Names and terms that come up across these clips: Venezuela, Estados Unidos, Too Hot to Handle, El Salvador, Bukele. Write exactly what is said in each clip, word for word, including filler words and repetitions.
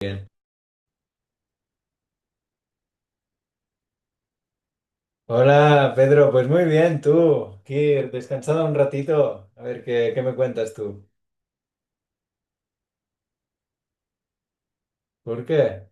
Bien. Hola Pedro, pues muy bien, tú, aquí descansado un ratito, a ver qué, qué me cuentas tú. ¿Por qué?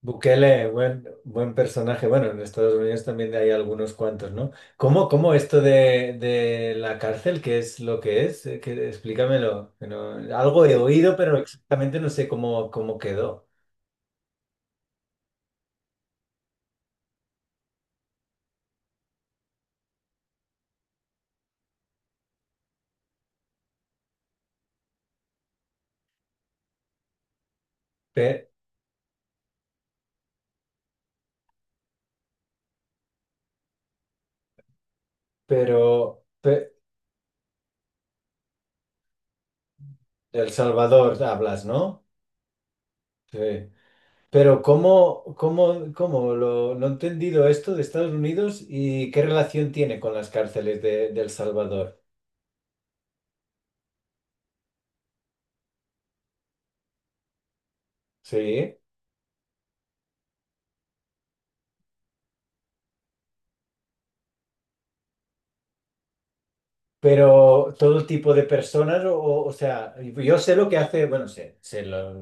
Bukele, buen, buen personaje. Bueno, en Estados Unidos también hay algunos cuantos, ¿no? ¿Cómo, cómo esto de, de la cárcel, ¿qué es lo que es? Eh, que- explícamelo. Que no- Algo he oído, pero exactamente no sé cómo, cómo quedó. Pe- pero, pe- El Salvador hablas, ¿no? Sí. Pero ¿cómo, cómo, cómo lo, no he entendido esto de Estados Unidos y qué relación tiene con las cárceles de, de El Salvador? Sí. Pero ¿todo tipo de personas? O, o- o sea, yo sé lo que hace, bueno, sé, sé lo,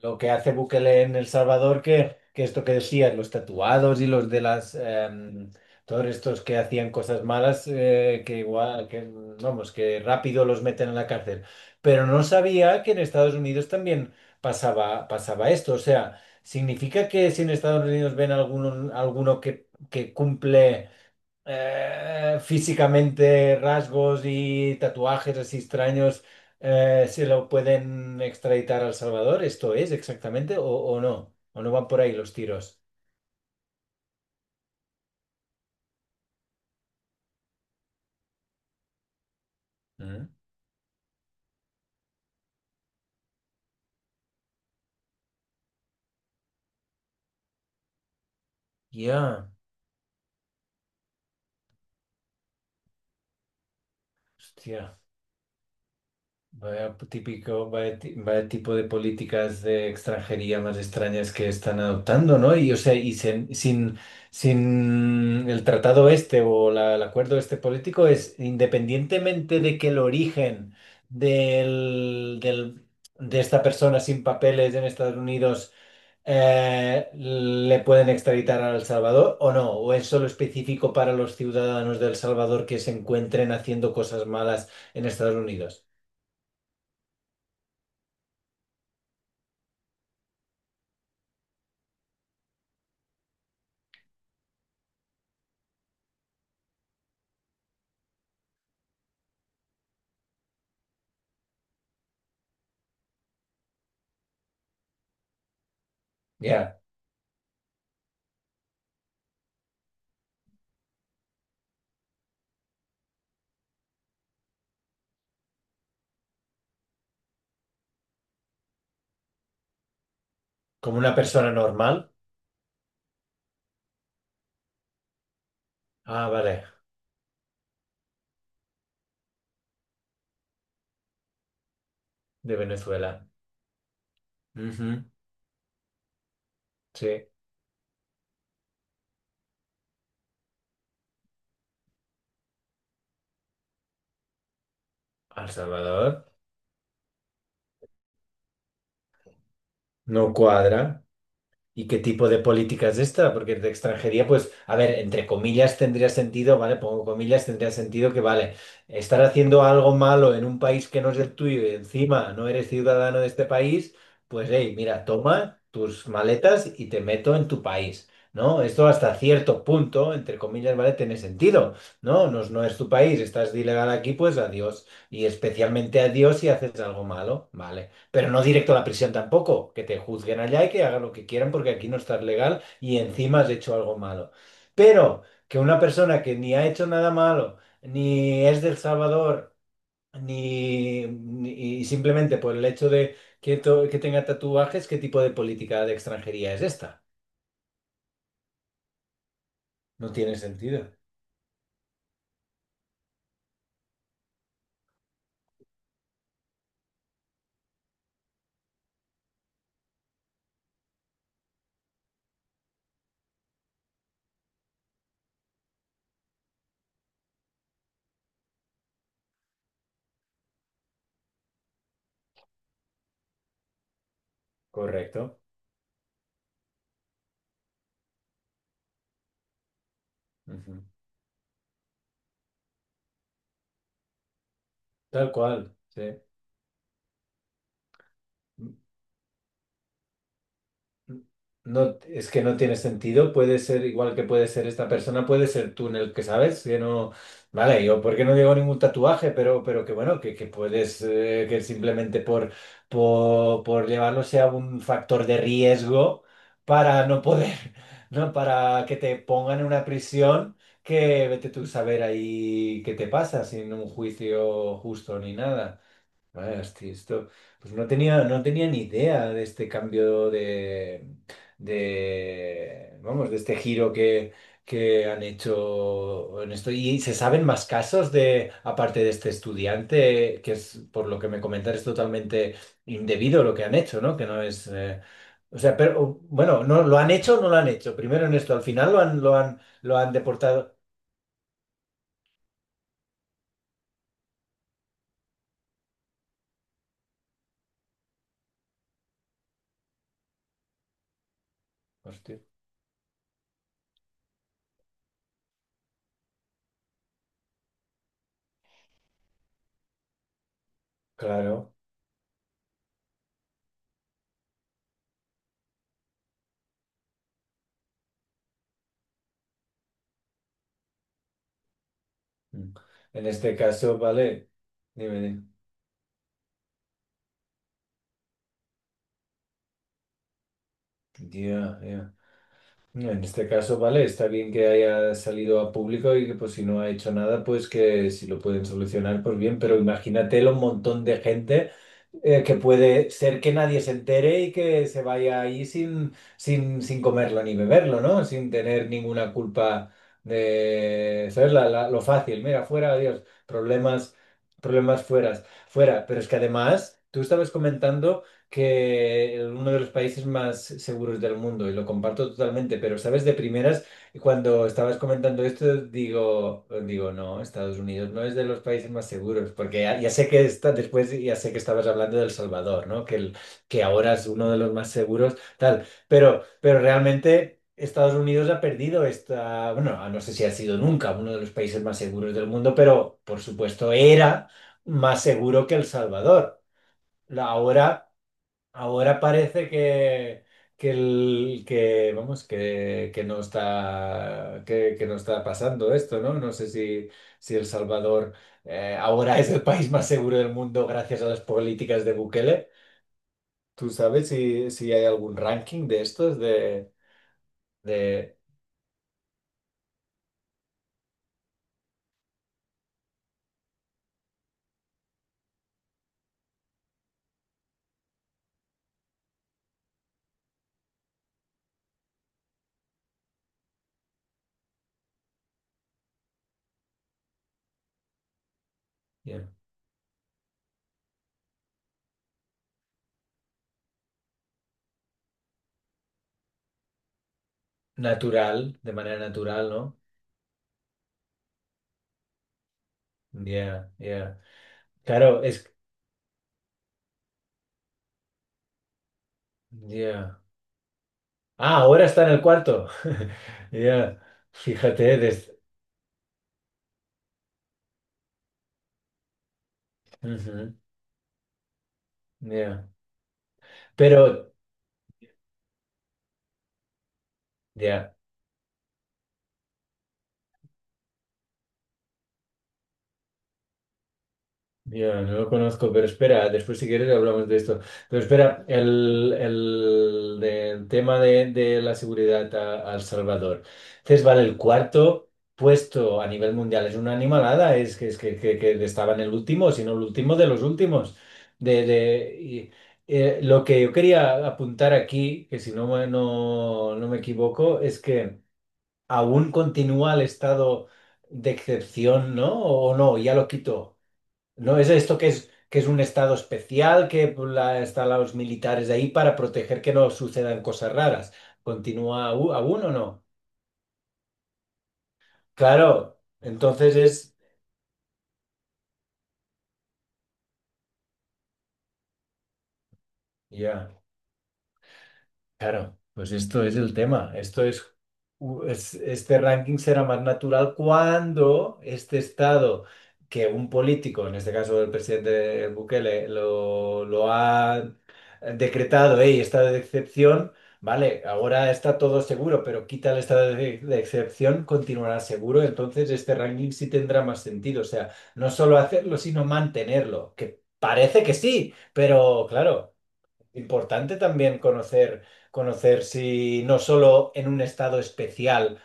lo que hace Bukele en El Salvador, que, que esto que decías, los tatuados y los de las, em, todos estos que hacían cosas malas, eh, que igual, que, vamos, que rápido los meten en la cárcel. Pero no sabía que en Estados Unidos también pasaba, pasaba esto. O sea, ¿significa que si en Estados Unidos ven alguno, alguno que, que cumple eh, físicamente rasgos y tatuajes así extraños, eh, se lo pueden extraditar a El Salvador? ¿Esto es exactamente? ¿O, o no? ¿O no van por ahí los tiros? Mm. Ya. Hostia. Vaya típico, vaya, ti- vaya tipo de políticas de extranjería más extrañas que están adoptando, ¿no? Y o sea, y sen- sin, sin el tratado este o la- el acuerdo este político es, independientemente de que el origen del, del- de esta persona sin papeles en Estados Unidos, eh, ¿le pueden extraditar a El Salvador o no, o es solo específico para los ciudadanos de El Salvador que se encuentren haciendo cosas malas en Estados Unidos? Ya. Como una persona normal. Ah, vale, de Venezuela. Ujú. Sí. Al Salvador. No cuadra. ¿Y qué tipo de política es esta? Porque de extranjería, pues, a ver, entre comillas, tendría sentido, ¿vale? Pongo comillas, tendría sentido que, vale, estar haciendo algo malo en un país que no es el tuyo y encima no eres ciudadano de este país, pues, hey, mira, toma tus maletas y te meto en tu país, ¿no? Esto hasta cierto punto, entre comillas, ¿vale? Tiene sentido, ¿no? No, es- no es tu país, estás de ilegal aquí, pues adiós. Y especialmente adiós si haces algo malo, ¿vale? Pero no directo a la prisión tampoco, que te juzguen allá y que hagan lo que quieran porque aquí no estás legal y encima has hecho algo malo. Pero que una persona que ni ha hecho nada malo, ni es del Salvador, ni, ni- y simplemente por el hecho de que, to- que tenga tatuajes, ¿qué tipo de política de extranjería es esta? No tiene sentido. Correcto. Ujú. Tal cual. Sí. No, es que no tiene sentido. Puede ser igual que puede ser esta persona, puede ser tú en el que sabes, que no. Vale, yo porque no llevo ningún tatuaje, pero, pero que bueno, que, que puedes, eh, que simplemente por, por, por llevarlo sea un factor de riesgo para no poder, ¿no? Para que te pongan en una prisión que vete tú a saber ahí qué te pasa sin un juicio justo ni nada. Vaya, hosti, esto, pues no tenía, no tenía ni idea de este cambio de, de, vamos, de este giro que, que han hecho en esto. ¿Y se saben más casos, de, aparte de este estudiante, que es, por lo que me comentas, es totalmente indebido lo que han hecho, no? Que no es, eh, o sea, pero, bueno, no, ¿lo han hecho o no lo han hecho? Primero en esto, al final lo han, lo han, lo han deportado. Hostia, claro. Mm. En este caso, vale. Dime, dime. Ya, ya. No, En este caso, vale, está bien que haya salido a público y que, pues, si no ha hecho nada, pues que si lo pueden solucionar, pues bien, pero imagínate un montón de gente, eh, que puede ser que nadie se entere y que se vaya ahí sin, sin, sin comerlo ni beberlo, ¿no? Sin tener ninguna culpa de, ¿sabes? La- la- lo fácil, mira, fuera, adiós, problemas, problemas, fueras fuera. Pero es que además, tú estabas comentando que uno de los países más seguros del mundo, y lo comparto totalmente, pero, ¿sabes? De primeras. Cuando estabas comentando esto, digo, digo, no, Estados Unidos no es de los países más seguros, porque ya, ya sé que está, después ya sé que estabas hablando del Salvador, ¿no? Que, el, que ahora es uno de los más seguros, tal, pero, pero realmente Estados Unidos ha perdido esta, bueno, no sé si ha sido nunca uno de los países más seguros del mundo, pero por supuesto era más seguro que El Salvador. La- Ahora. Ahora parece que, que, el- que, vamos, que, que no está, que, que no está pasando esto, ¿no? No sé si, si El Salvador eh, ahora es el país más seguro del mundo gracias a las políticas de Bukele. ¿Tú sabes si, si hay algún ranking de estos de, de yeah, natural, de manera natural, ¿no? Yeah, yeah. Claro, es. Yeah. Ah, ahora está en el cuarto. Yeah. Fíjate, desde. Ujú, yeah. Pero, ya, ya, no lo conozco, pero espera, después si quieres hablamos de esto. Pero espera, el, el, del tema de, de la seguridad a, a El Salvador. Entonces, vale, el cuarto puesto a nivel mundial es una animalada, es que, es que, que, que estaba en el último, sino el último de los últimos. De, de, y, eh, lo que yo quería apuntar aquí, que si no, me- no, no me equivoco, es que aún continúa el estado de excepción, ¿no? O no, ya lo quitó. ¿No es esto que es, que es un estado especial, que la- están los militares ahí para proteger que no sucedan cosas raras? ¿Continúa aún, aún o no? Claro, entonces es. Ya. Claro, pues esto es el tema. Esto es, u- es- este ranking será más natural cuando este estado que un político, en este caso el presidente Bukele, lo, lo ha decretado, hey, estado de excepción, vale, ahora está todo seguro, pero quita el estado de, de excepción, continuará seguro, entonces este ranking sí tendrá más sentido. O sea, no solo hacerlo, sino mantenerlo, que parece que sí, pero claro. Importante también conocer, conocer si no solo en un estado especial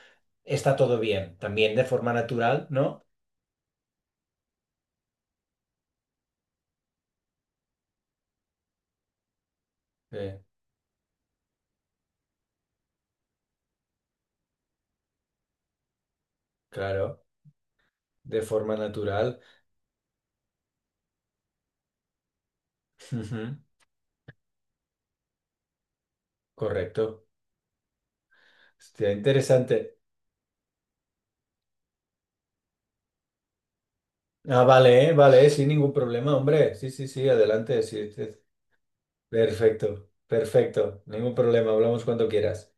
está todo bien, también de forma natural, ¿no? Eh, claro, de forma natural. Ujú. Correcto. Está interesante. Ah, vale, eh, vale, eh, sin ningún problema, hombre. Sí, sí, sí, adelante. Sí, sí. Perfecto, perfecto. Ningún problema, hablamos cuando quieras.